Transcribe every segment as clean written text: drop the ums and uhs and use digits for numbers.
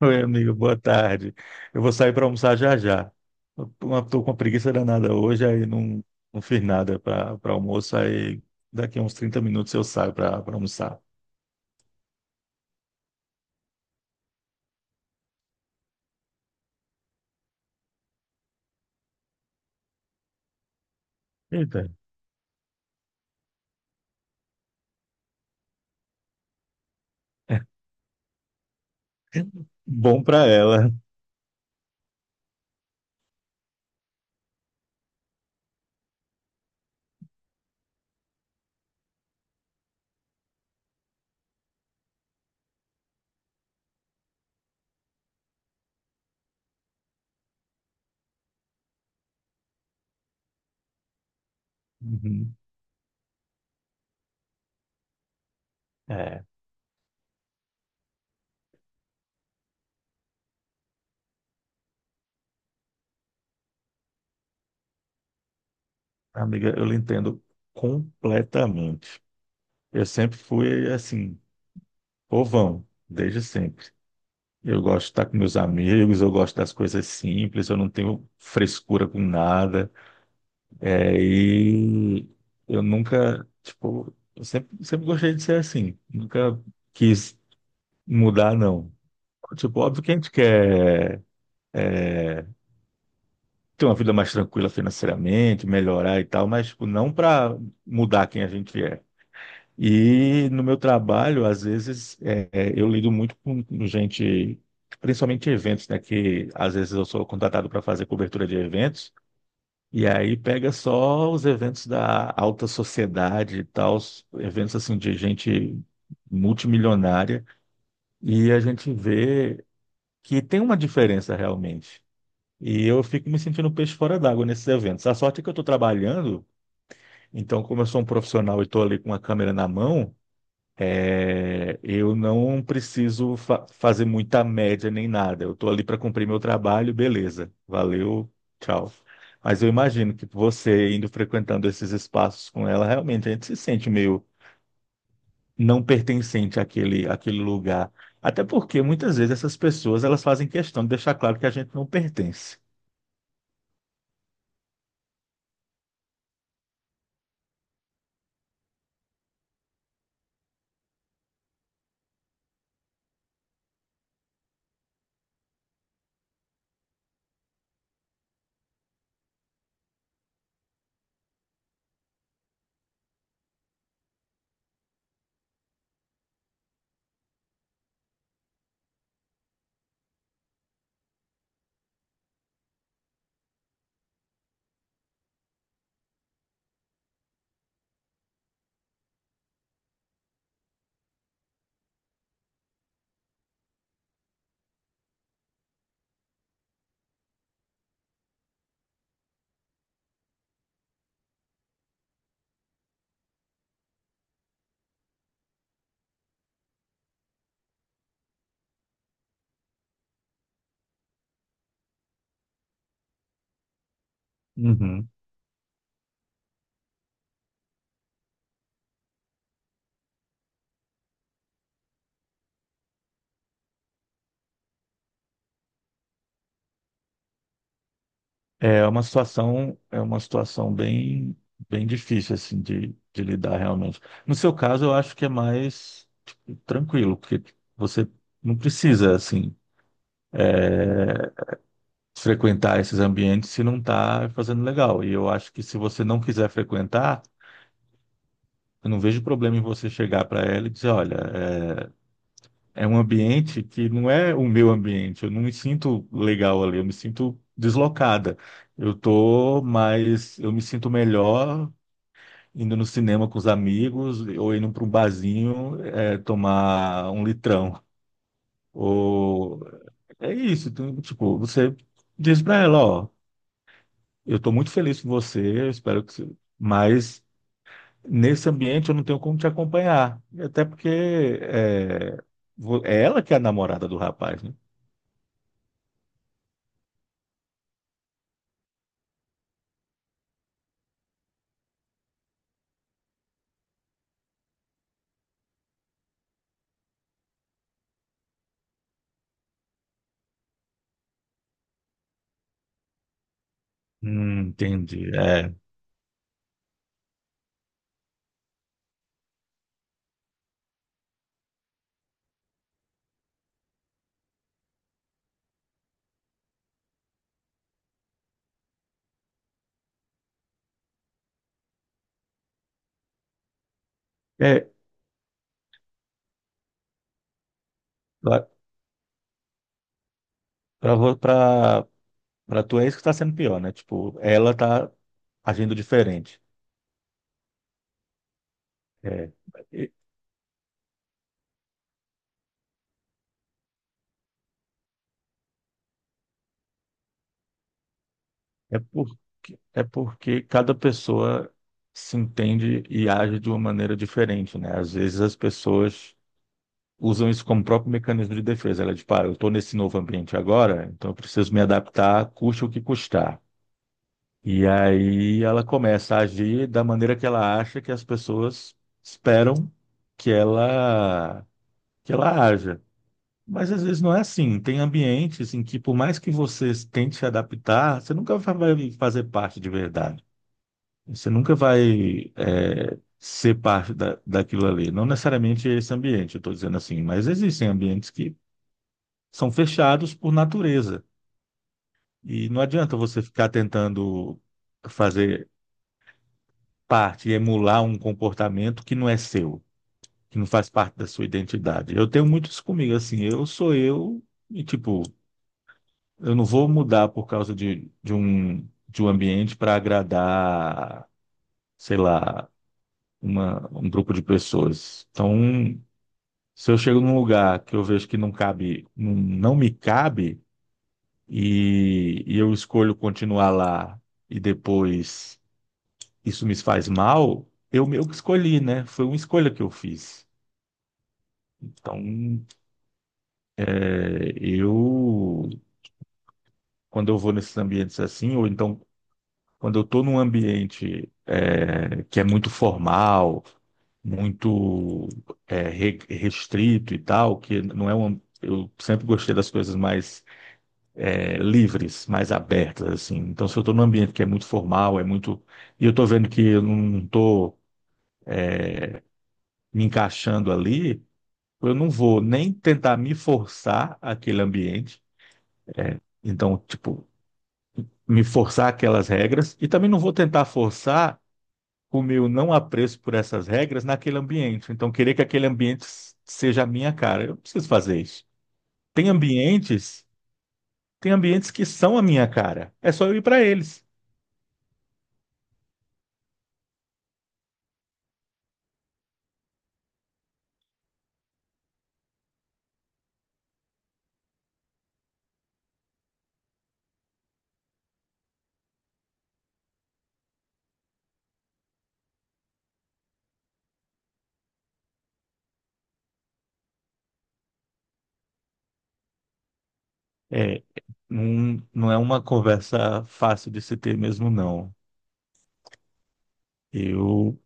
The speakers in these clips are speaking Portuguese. Oi, amigo, boa tarde. Eu vou sair para almoçar já já. Estou com uma preguiça danada hoje, aí não, não fiz nada para almoço, aí daqui a uns 30 minutos eu saio para almoçar. Eita. Bom para ela. Uhum. É, amiga, eu lhe entendo completamente. Eu sempre fui assim, povão, desde sempre. Eu gosto de estar com meus amigos, eu gosto das coisas simples, eu não tenho frescura com nada. É, e eu nunca, tipo, eu sempre, sempre gostei de ser assim. Nunca quis mudar, não. Tipo, óbvio que a gente quer é, ter uma vida mais tranquila financeiramente, melhorar e tal, mas, tipo, não para mudar quem a gente é. E no meu trabalho, às vezes, eu lido muito com gente, principalmente eventos, né? Que às vezes eu sou contratado para fazer cobertura de eventos. E aí pega só os eventos da alta sociedade e tal, os eventos assim de gente multimilionária, e a gente vê que tem uma diferença realmente. E eu fico me sentindo peixe fora d'água nesses eventos. A sorte é que eu estou trabalhando, então como eu sou um profissional e estou ali com a câmera na mão, é, eu não preciso fazer muita média nem nada. Eu estou ali para cumprir meu trabalho, beleza. Valeu, tchau. Mas eu imagino que você indo frequentando esses espaços com ela, realmente a gente se sente meio não pertencente àquele lugar. Até porque muitas vezes essas pessoas elas fazem questão de deixar claro que a gente não pertence. Uhum. É uma situação bem, bem difícil assim de lidar realmente. No seu caso, eu acho que é mais tranquilo, porque você não precisa, assim, frequentar esses ambientes se não está fazendo legal. E eu acho que se você não quiser frequentar, eu não vejo problema em você chegar para ela e dizer, olha, é, é um ambiente que não é o meu ambiente, eu não me sinto legal ali, eu me sinto deslocada. Mas eu me sinto melhor indo no cinema com os amigos ou indo para um barzinho, é, tomar um litrão. O... É isso, então, tipo, você diz pra ela, ó, eu tô muito feliz com você, eu espero que você... Mas nesse ambiente eu não tenho como te acompanhar. Até porque é, é ela que é a namorada do rapaz, né? Entendi. É pra, pra, vo- pra, pra tu é isso que tá sendo pior, né? Tipo, ela tá agindo diferente. É. É porque cada pessoa se entende e age de uma maneira diferente, né? Às vezes as pessoas usam isso como próprio mecanismo de defesa. Ela diz, pá, eu estou nesse novo ambiente agora, então eu preciso me adaptar, custe o que custar. E aí ela começa a agir da maneira que ela acha que as pessoas esperam que ela que ela haja. Mas às vezes não é assim. Tem ambientes em que, por mais que você tente se adaptar, você nunca vai fazer parte de verdade. Você nunca vai é, ser parte daquilo ali. Não necessariamente esse ambiente, eu estou dizendo assim, mas existem ambientes que são fechados por natureza. E não adianta você ficar tentando fazer parte, e emular um comportamento que não é seu, que não faz parte da sua identidade. Eu tenho muito isso comigo, assim, eu sou eu e, tipo, eu não vou mudar por causa de um ambiente para agradar, sei lá, um grupo de pessoas. Então, se eu chego num lugar que eu vejo que não cabe, não, não me cabe, e eu escolho continuar lá e depois isso me faz mal, eu meio que escolhi, né? Foi uma escolha que eu fiz. Então, é, eu, quando eu vou nesses ambientes assim, ou então quando eu estou num ambiente é, que é muito formal, muito é, restrito e tal, que não é um, eu sempre gostei das coisas mais é, livres, mais abertas, assim. Então, se eu estou num ambiente que é muito formal, é muito. E eu estou vendo que eu não estou me encaixando ali, eu não vou nem tentar me forçar aquele ambiente. Então, tipo, me forçar aquelas regras. E também não vou tentar forçar o meu não apreço por essas regras naquele ambiente. Então, querer que aquele ambiente seja a minha cara. Eu não preciso fazer isso. Tem ambientes, tem ambientes que são a minha cara. É só eu ir para eles. É, não, não é uma conversa fácil de se ter mesmo, não. Eu,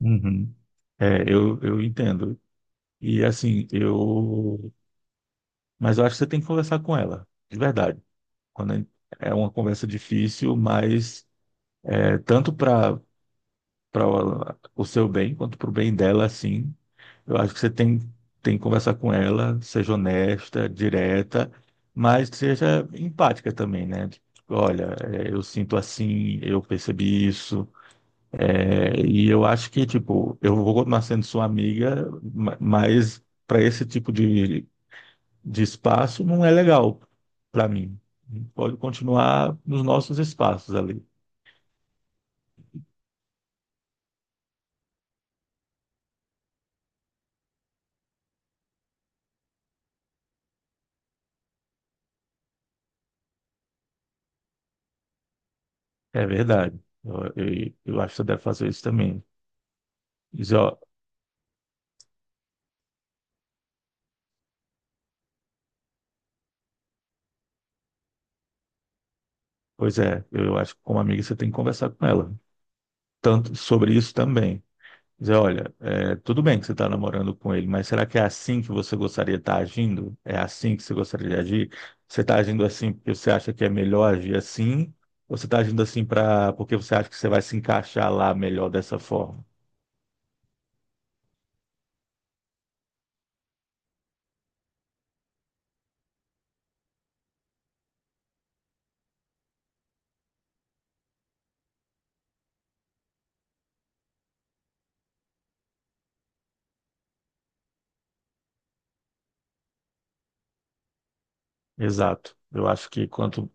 Uhum. É, eu entendo. E assim, eu, mas eu acho que você tem que conversar com ela, de verdade. Quando é uma conversa difícil, mas é tanto para o seu bem quanto para o bem dela, assim. Eu acho que você tem que conversar com ela, seja honesta, direta, mas que seja empática também, né? Tipo, olha, é, eu sinto assim, eu percebi isso. É, e eu acho que, tipo, eu vou continuar sendo sua amiga, mas para esse tipo de espaço não é legal para mim. Pode continuar nos nossos espaços ali. É verdade. Eu acho que você deve fazer isso também. Dizer, ó, pois é, eu acho que como amiga você tem que conversar com ela. Tanto sobre isso também. Dizer, olha, é, tudo bem que você está namorando com ele, mas será que é assim que você gostaria de estar agindo? É assim que você gostaria de agir? Você está agindo assim porque você acha que é melhor agir assim? Ou você está agindo assim porque você acha que você vai se encaixar lá melhor dessa forma? Exato.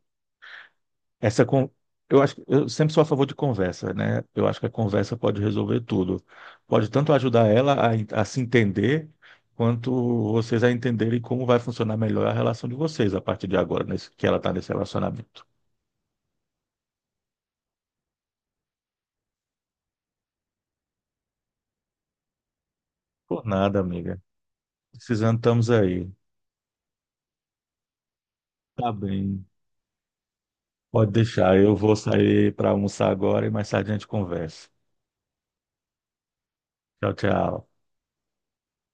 Essa con... Eu acho que eu sempre sou a favor de conversa, né? Eu acho que a conversa pode resolver tudo. Pode tanto ajudar ela a se entender, quanto vocês a entenderem como vai funcionar melhor a relação de vocês a partir de agora, nesse... que ela está nesse relacionamento. Por nada, amiga. Precisando, estamos aí. Tá bem. Pode deixar. Eu vou sair para almoçar agora e mais tarde a gente conversa. Tchau, tchau.